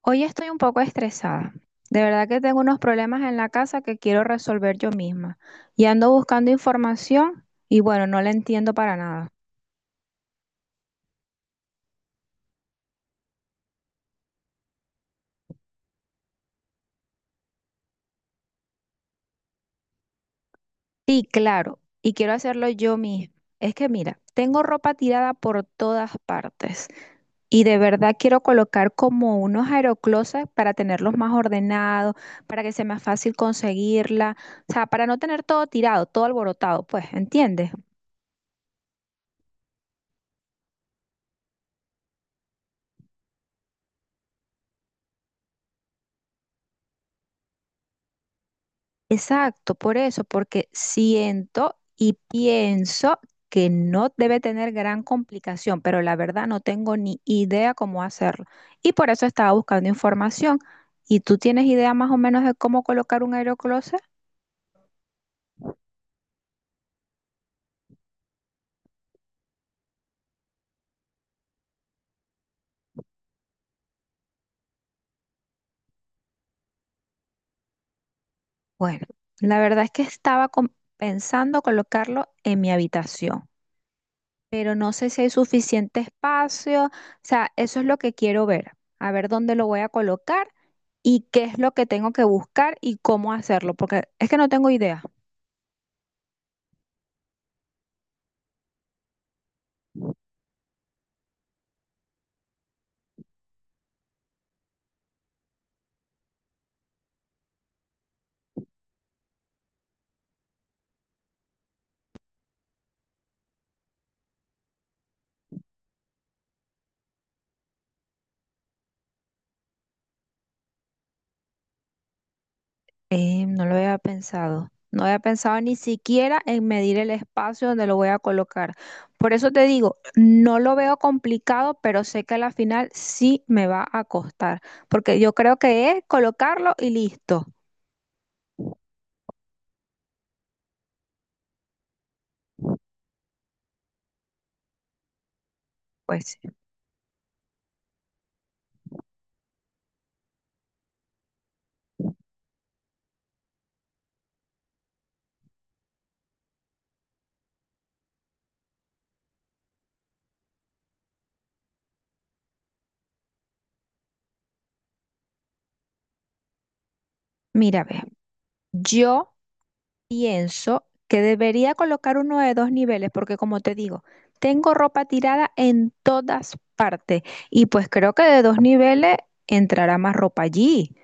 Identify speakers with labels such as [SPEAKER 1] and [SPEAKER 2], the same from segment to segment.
[SPEAKER 1] Hoy estoy un poco estresada. De verdad que tengo unos problemas en la casa que quiero resolver yo misma. Y ando buscando información y bueno, no la entiendo para nada. Sí, claro, y quiero hacerlo yo misma. Es que mira, tengo ropa tirada por todas partes y de verdad quiero colocar como unos aeroclosets para tenerlos más ordenados, para que sea más fácil conseguirla, o sea, para no tener todo tirado, todo alborotado, pues, ¿entiendes? Exacto, por eso, porque siento y pienso que no debe tener gran complicación, pero la verdad no tengo ni idea cómo hacerlo. Y por eso estaba buscando información. ¿Y tú tienes idea más o menos de cómo colocar un aerocloset? Bueno, la verdad es que estaba pensando colocarlo en mi habitación, pero no sé si hay suficiente espacio. O sea, eso es lo que quiero ver, a ver dónde lo voy a colocar y qué es lo que tengo que buscar y cómo hacerlo, porque es que no tengo idea. No lo había pensado. No había pensado ni siquiera en medir el espacio donde lo voy a colocar. Por eso te digo, no lo veo complicado, pero sé que a la final sí me va a costar, porque yo creo que es colocarlo y listo. Pues sí, mira, ve, yo pienso que debería colocar uno de dos niveles, porque como te digo, tengo ropa tirada en todas partes y pues creo que de dos niveles entrará más ropa allí.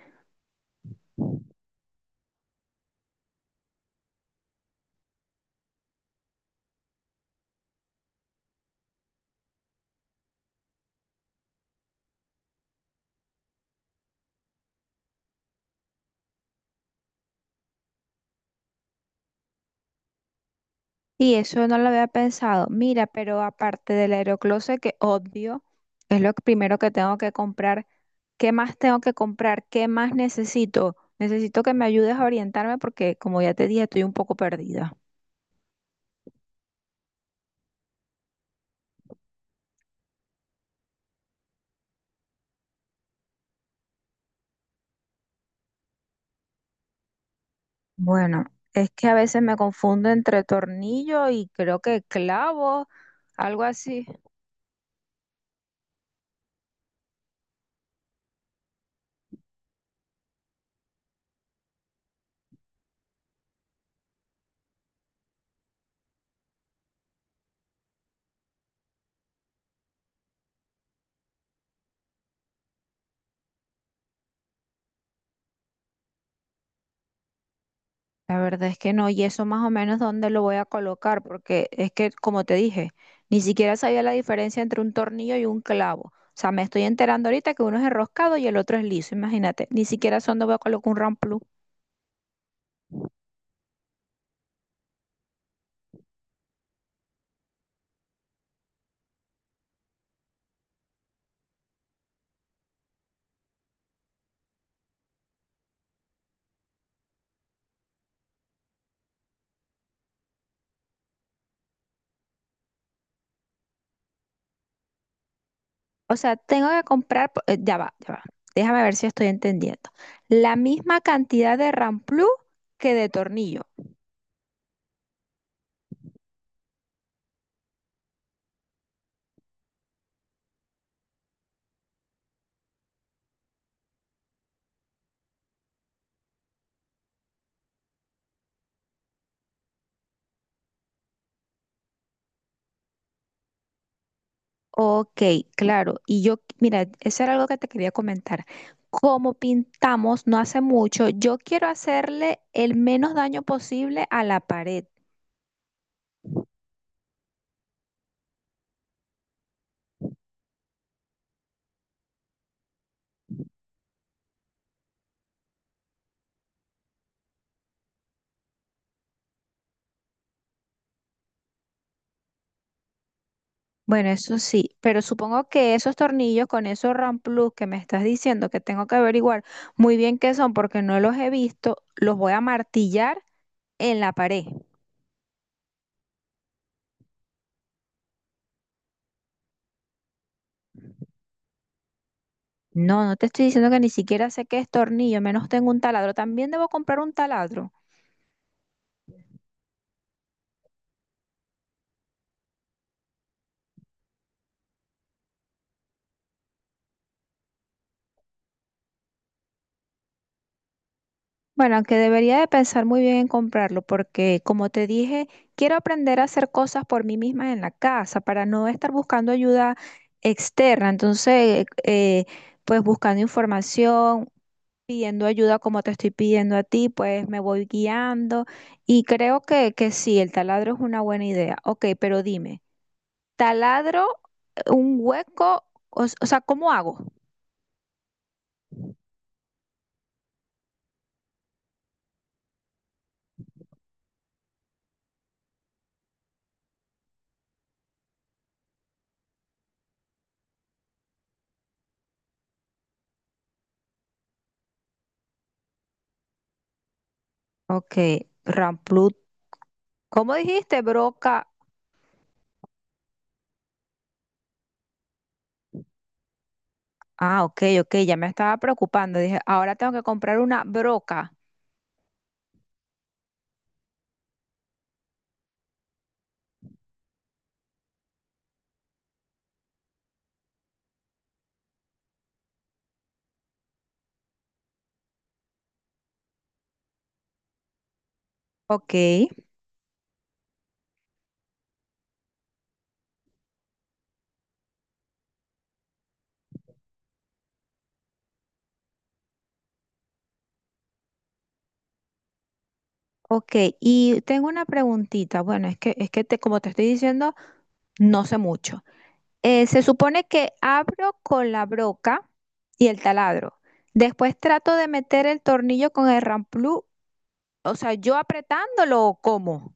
[SPEAKER 1] Y eso no lo había pensado. Mira, pero aparte del aerocloset, que obvio, es lo primero que tengo que comprar. ¿Qué más tengo que comprar? ¿Qué más necesito? Necesito que me ayudes a orientarme porque, como ya te dije, estoy un poco perdida. Bueno, es que a veces me confundo entre tornillo y creo que clavo, algo así. La verdad es que no, y eso más o menos dónde lo voy a colocar, porque es que, como te dije, ni siquiera sabía la diferencia entre un tornillo y un clavo. O sea, me estoy enterando ahorita que uno es enroscado y el otro es liso, imagínate. Ni siquiera sé dónde voy a colocar un ramplú. O sea, tengo que comprar, ya va, ya va. Déjame ver si estoy entendiendo. La misma cantidad de ramplú que de tornillo. Ok, claro. Y yo, mira, eso era algo que te quería comentar. Como pintamos no hace mucho, yo quiero hacerle el menos daño posible a la pared. Bueno, eso sí, pero supongo que esos tornillos con esos RAM Plus que me estás diciendo que tengo que averiguar muy bien qué son porque no los he visto, los voy a martillar en la pared. No, no te estoy diciendo que ni siquiera sé qué es tornillo, menos tengo un taladro. También debo comprar un taladro. Bueno, aunque debería de pensar muy bien en comprarlo porque, como te dije, quiero aprender a hacer cosas por mí misma en la casa para no estar buscando ayuda externa. Entonces, pues buscando información, pidiendo ayuda como te estoy pidiendo a ti, pues me voy guiando y creo que, sí, el taladro es una buena idea. Ok, pero dime, ¿taladro un hueco? O sea, ¿cómo hago? Ok, ramplut. ¿Cómo dijiste, broca? Ah, ok, ok, ya me estaba preocupando. Dije, ahora tengo que comprar una broca. Ok, ok. Y tengo una preguntita. Bueno, es que, te, como te estoy diciendo, no sé mucho. Se supone que abro con la broca y el taladro. Después trato de meter el tornillo con el ramplú. O sea, yo apretándolo o cómo.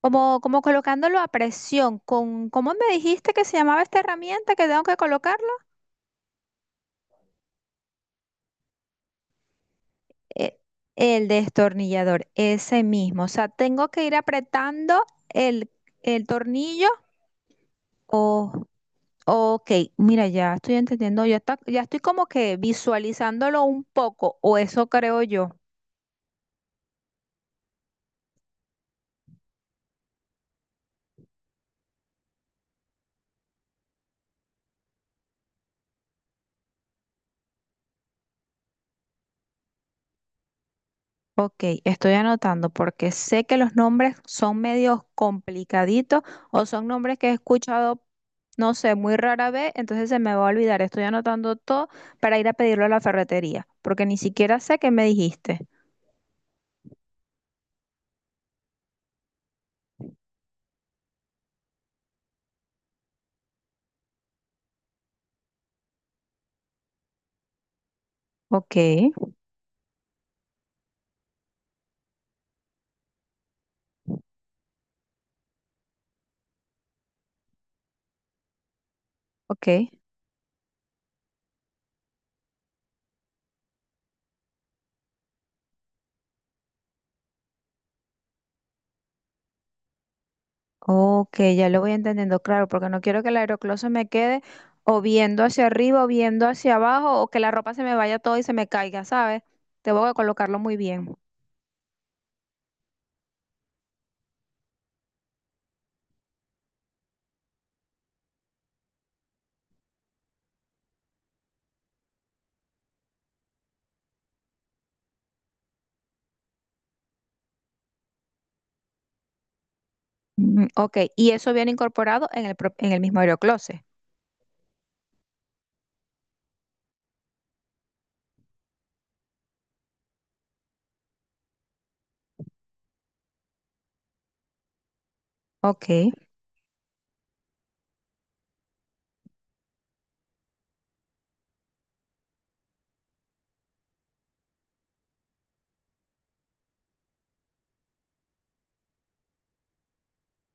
[SPEAKER 1] Como, como colocándolo a presión, con, ¿cómo me dijiste que se llamaba esta herramienta que tengo que colocarlo? E- el destornillador, ese mismo. O sea, tengo que ir apretando el tornillo. Oh. Ok, mira, ya estoy entendiendo, ya está, ya estoy como que visualizándolo un poco, o eso creo yo. Ok, estoy anotando porque sé que los nombres son medios complicaditos o son nombres que he escuchado, no sé, muy rara vez, entonces se me va a olvidar. Estoy anotando todo para ir a pedirlo a la ferretería, porque ni siquiera sé qué me dijiste. Ok, ok. Ok, ya lo voy entendiendo, claro, porque no quiero que el aeroclub se me quede o viendo hacia arriba o viendo hacia abajo o que la ropa se me vaya todo y se me caiga, ¿sabes? Tengo que colocarlo muy bien. Mm, ok, y eso viene incorporado en en el mismo aerocloset. Ok.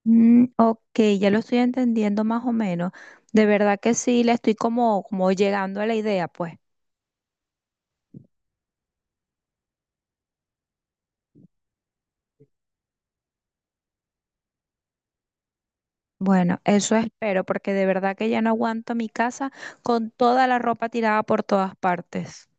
[SPEAKER 1] Mm, ok, ya lo estoy entendiendo más o menos. De verdad que sí, le estoy como, como llegando a la idea, pues. Bueno, eso espero, porque de verdad que ya no aguanto mi casa con toda la ropa tirada por todas partes.